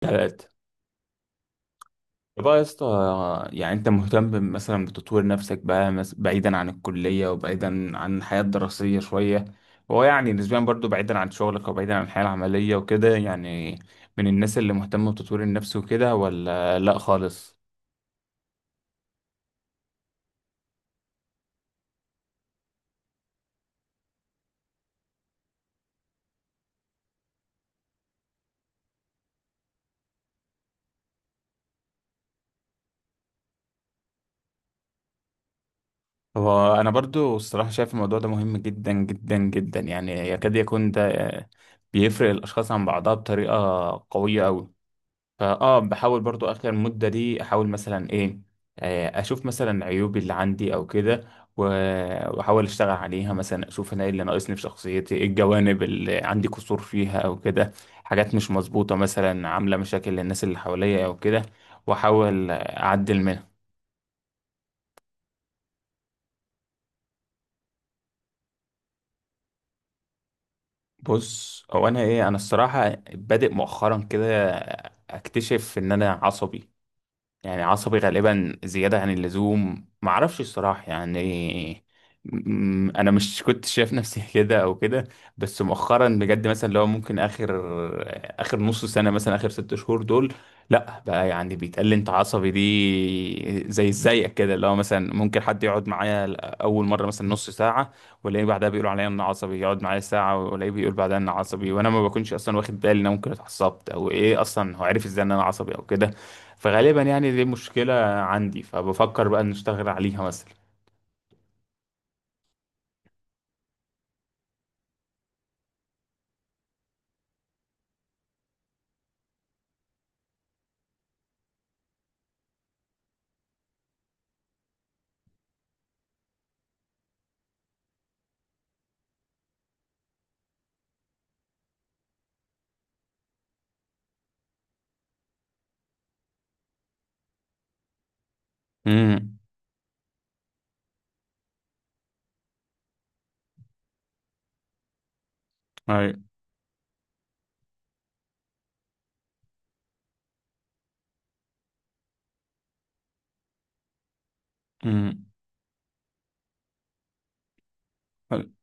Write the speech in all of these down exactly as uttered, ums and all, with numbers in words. تلاتة بقى يا اسطى. يعني انت مهتم مثلا بتطوير نفسك بقى مس- بعيدا عن الكلية وبعيدا عن الحياة الدراسية شوية. هو يعني نسبيا برضو بعيدا عن شغلك وبعيدا عن الحياة العملية وكده، يعني من الناس اللي مهتمة بتطوير النفس وكده ولا لا خالص؟ هو انا برضو الصراحة شايف الموضوع ده مهم جدا جدا جدا، يعني يكاد يكون ده بيفرق الاشخاص عن بعضها بطريقة قوية أوي. فاه بحاول برضو اخر المدة دي احاول مثلا ايه، آه، اشوف مثلا عيوبي اللي عندي او كده، و- واحاول اشتغل عليها، مثلا اشوف انا ايه اللي ناقصني في شخصيتي، ايه الجوانب اللي عندي قصور فيها او كده، حاجات مش مظبوطة مثلا عاملة مشاكل للناس اللي حواليا او كده، واحاول اعدل منها. بص هو انا ايه، انا الصراحة بادئ مؤخرا كده اكتشف ان انا عصبي، يعني عصبي غالبا زيادة عن اللزوم، معرفش الصراحة يعني. م- أنا مش كنت شايف نفسي كده أو كده، بس مؤخرا بجد مثلا لو ممكن آخر آخر نص سنة، مثلا آخر ست شهور دول، لأ بقى يعني بيتقال لي أنت عصبي دي، زي زيك كده، اللي هو مثلا ممكن حد يقعد معايا أول مرة مثلا نص ساعة والاقيه بعدها بيقولوا عليا إن عصبي، يقعد معايا ساعة والاقيه بيقول بعدها إن عصبي، وأنا ما بكونش أصلا واخد بالي إن أنا ممكن اتعصبت أو إيه، أصلا هو عارف إزاي إن أنا عصبي أو كده. فغالبا يعني دي مشكلة عندي، فبفكر بقى نشتغل عليها مثلا. امم، ايوه. امم.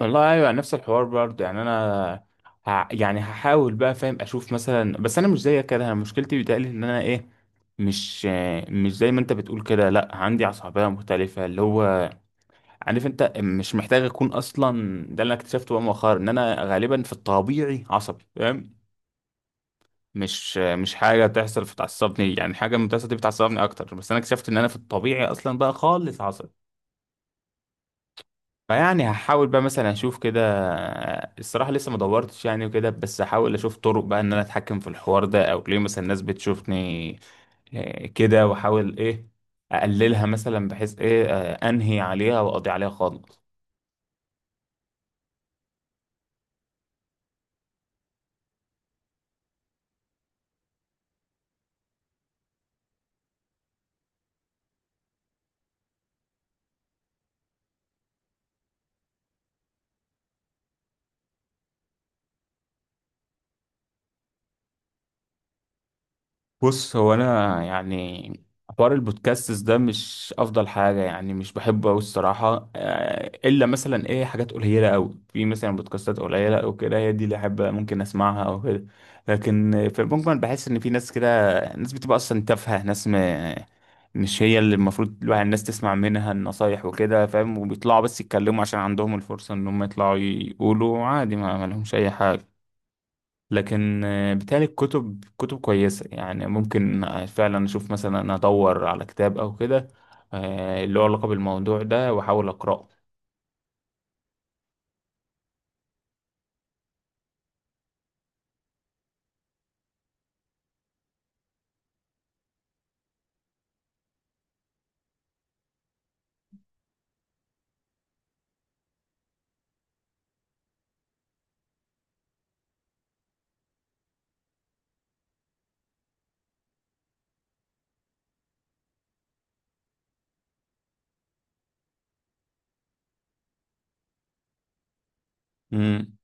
والله ايوه نفس الحوار برضه، يعني انا ه... يعني هحاول بقى، فاهم، اشوف مثلا. بس انا مش زيك كده، انا مشكلتي بيتهيألي ان انا ايه، مش مش زي ما انت بتقول كده، لا عندي عصبية مختلفة، اللي هو عارف انت مش محتاج اكون اصلا، ده اللي انا اكتشفته بقى مؤخرا ان انا غالبا في الطبيعي عصبي، فاهم؟ مش مش حاجة تحصل فتعصبني، يعني حاجة من بتحصل دي بتعصبني أكتر، بس أنا اكتشفت إن أنا في الطبيعي أصلا بقى خالص عصبي. فيعني هحاول بقى مثلا أشوف كده، الصراحة لسه ما دورتش يعني وكده، بس هحاول أشوف طرق بقى إن أنا أتحكم في الحوار ده، أو ليه مثلا الناس بتشوفني آه، كده، وأحاول إيه أقللها مثلا، بحيث إيه آه، أنهي عليها وأقضي عليها خالص. بص هو انا يعني حوار البودكاستس ده مش افضل حاجه، يعني مش بحبه قوي الصراحه، آه، الا مثلا ايه حاجات قليله قوي، في مثلا بودكاستات قليله او كده، هي دي اللي احب ممكن اسمعها او كده. لكن في المجمل بحس ان في ناس كده، ناس بتبقى اصلا تافهه، ناس م... مش هي اللي المفروض الواحد الناس تسمع منها النصايح وكده، فاهم، وبيطلعوا بس يتكلموا عشان عندهم الفرصه ان هم يطلعوا يقولوا عادي، ما ما لهمش اي حاجه. لكن آه، بالتالي الكتب كتب كويسة، يعني ممكن آه، فعلا أشوف مثلا أدور على كتاب أو كده، آه، اللي هو علاقة بالموضوع ده وأحاول أقرأه. مم.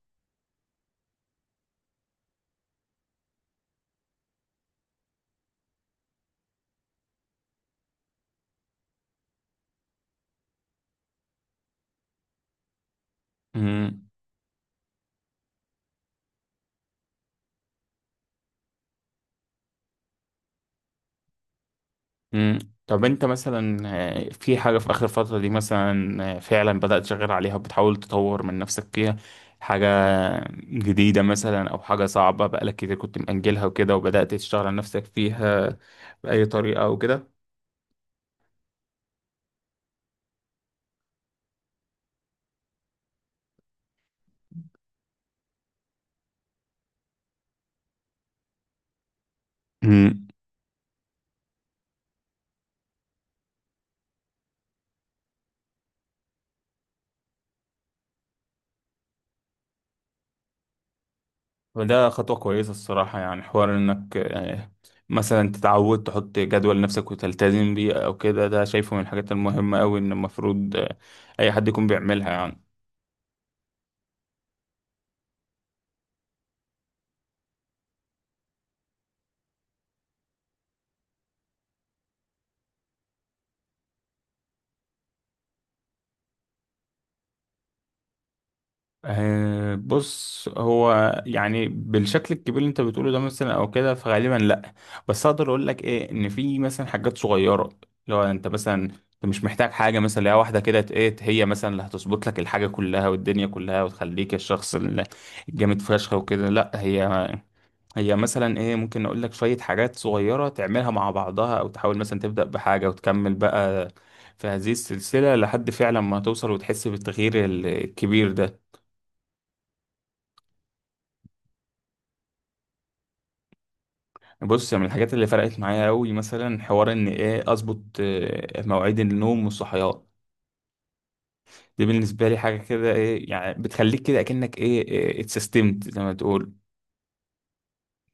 مم. مم. طب أنت مثلا، آه، في حاجة في آخر فترة دي مثلا آه، فعلا بدأت تشتغل عليها وبتحاول تطور من نفسك فيها، حاجة جديدة مثلا، أو حاجة صعبة بقالك كتير كنت مأجلها وكده وبدأت تشتغل على نفسك فيها بأي طريقة أو كده؟ وده خطوة كويسة الصراحة، يعني حوار انك آه، مثلا تتعود تحط جدول لنفسك وتلتزم بيه او كده، ده شايفه من الحاجات المهمة اوي، ان المفروض آه، اي حد يكون بيعملها يعني. آه، بص هو يعني بالشكل الكبير اللي انت بتقوله ده مثلا او كده فغالبا لا، بس اقدر اقول لك ايه، ان في مثلا حاجات صغيرة. لو انت مثلا، انت مش محتاج حاجة مثلا لو واحدة كده ت- ايه هي مثلا اللي هتظبط لك الحاجة كلها والدنيا كلها وتخليك الشخص ال- الجامد فشخ وكده، لا، هي هي مثلا ايه، ممكن اقول لك شوية حاجات صغيرة تعملها مع بعضها، او تحاول مثلا تبدأ بحاجة وتكمل بقى في هذه السلسلة لحد فعلا ما توصل وتحس بالتغيير ال- الكبير ده. بص من الحاجات اللي فرقت معايا قوي مثلا، حوار ان ايه اظبط آه، مواعيد النوم والصحيان. دي بالنسبة لي حاجة كده ايه، يعني بتخليك كده اكنك ايه آه، اتسيستمت زي ما تقول،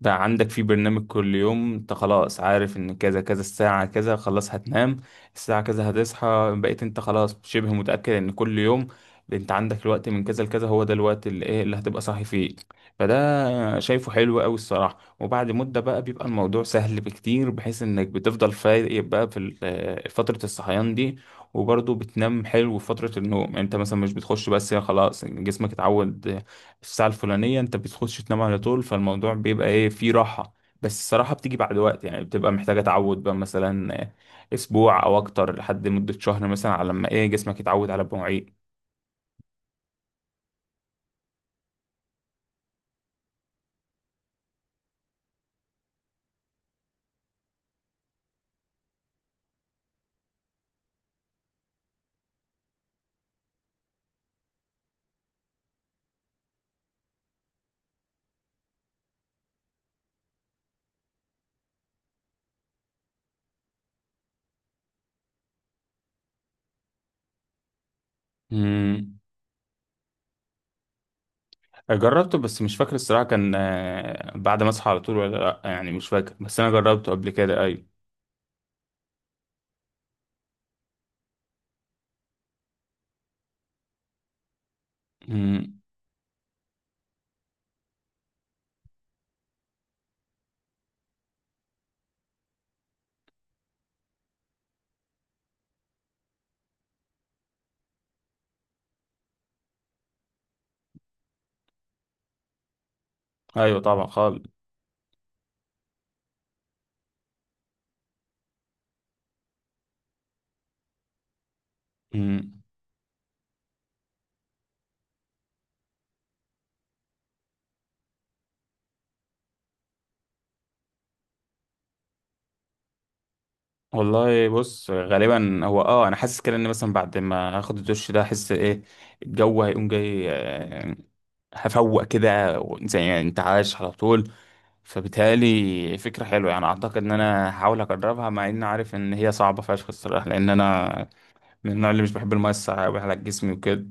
بقى عندك في برنامج كل يوم، انت خلاص عارف ان كذا كذا، الساعة كذا خلاص هتنام، الساعة كذا هتصحى، بقيت انت خلاص شبه متأكد ان كل يوم انت عندك الوقت من كذا لكذا، هو ده الوقت اللي ايه اللي هتبقى صاحي فيه. فده شايفه حلو قوي الصراحة، وبعد مدة بقى بيبقى الموضوع سهل بكتير، بحيث انك بتفضل فايق بقى في ال- آه، فترة الصحيان دي، وبرضه بتنام حلو في فترة النوم، يعني انت مثلا مش بتخش بس خلاص جسمك اتعود، في الساعة الفلانية انت بتخش تنام على طول، فالموضوع بيبقى ايه، فيه راحة. بس الصراحة بتيجي بعد وقت، يعني بتبقى محتاجة تعود بقى مثلا اسبوع او اكتر، لحد مدة شهر مثلا، على ما ايه جسمك يتعود على المواعيد. امم. جربته، بس مش فاكر الصراحة كان آه، بعد ما اصحى على طول ولا لا، يعني مش فاكر، بس انا جربته قبل كده ايوه. امم. ايوه طبعا خالص. امم. والله بص غالبا هو اه انا حاسس كده ان مثلا بعد ما هاخد الدش ده احس ايه، الجو هيقوم جاي، آه، هفوق كده و- زي انتعاش على طول، فبالتالي فكرة حلوة يعني، اعتقد ان انا هحاول اجربها، مع اني عارف ان هي صعبة فشخ الصراحة، لان انا من النوع اللي مش بحب المية الساقعة أوي على جسمي وكده.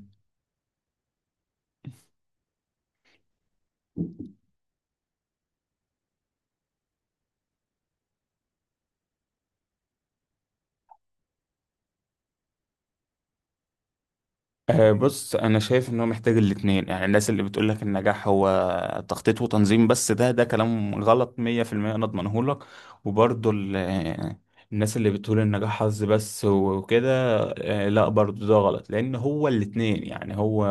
أه بص انا شايف ان هو محتاج الاتنين، يعني الناس اللي بتقول لك النجاح هو تخطيط وتنظيم بس، ده ده كلام غلط مية بالمية، انا اضمنه لك. وبرضه ال- آه، الناس اللي بتقول النجاح حظ بس وكده، آه، لا برضه ده غلط، لان هو الاتنين، يعني هو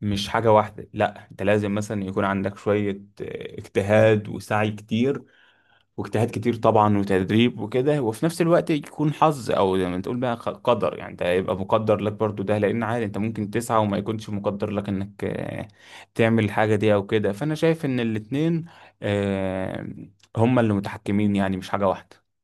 مش حاجة واحدة، لا، انت لازم مثلا يكون عندك شوية آه، اجتهاد وسعي كتير، واجتهاد كتير طبعا وتدريب وكده، وفي نفس الوقت يكون حظ، او زي ما تقول بقى، خ- قدر، يعني انت هيبقى مقدر لك برضو ده، لان عادي انت ممكن تسعى وما يكونش مقدر لك انك آه، تعمل الحاجة دي او كده. فانا شايف ان الاتنين آه، هما اللي متحكمين، يعني مش حاجة واحدة.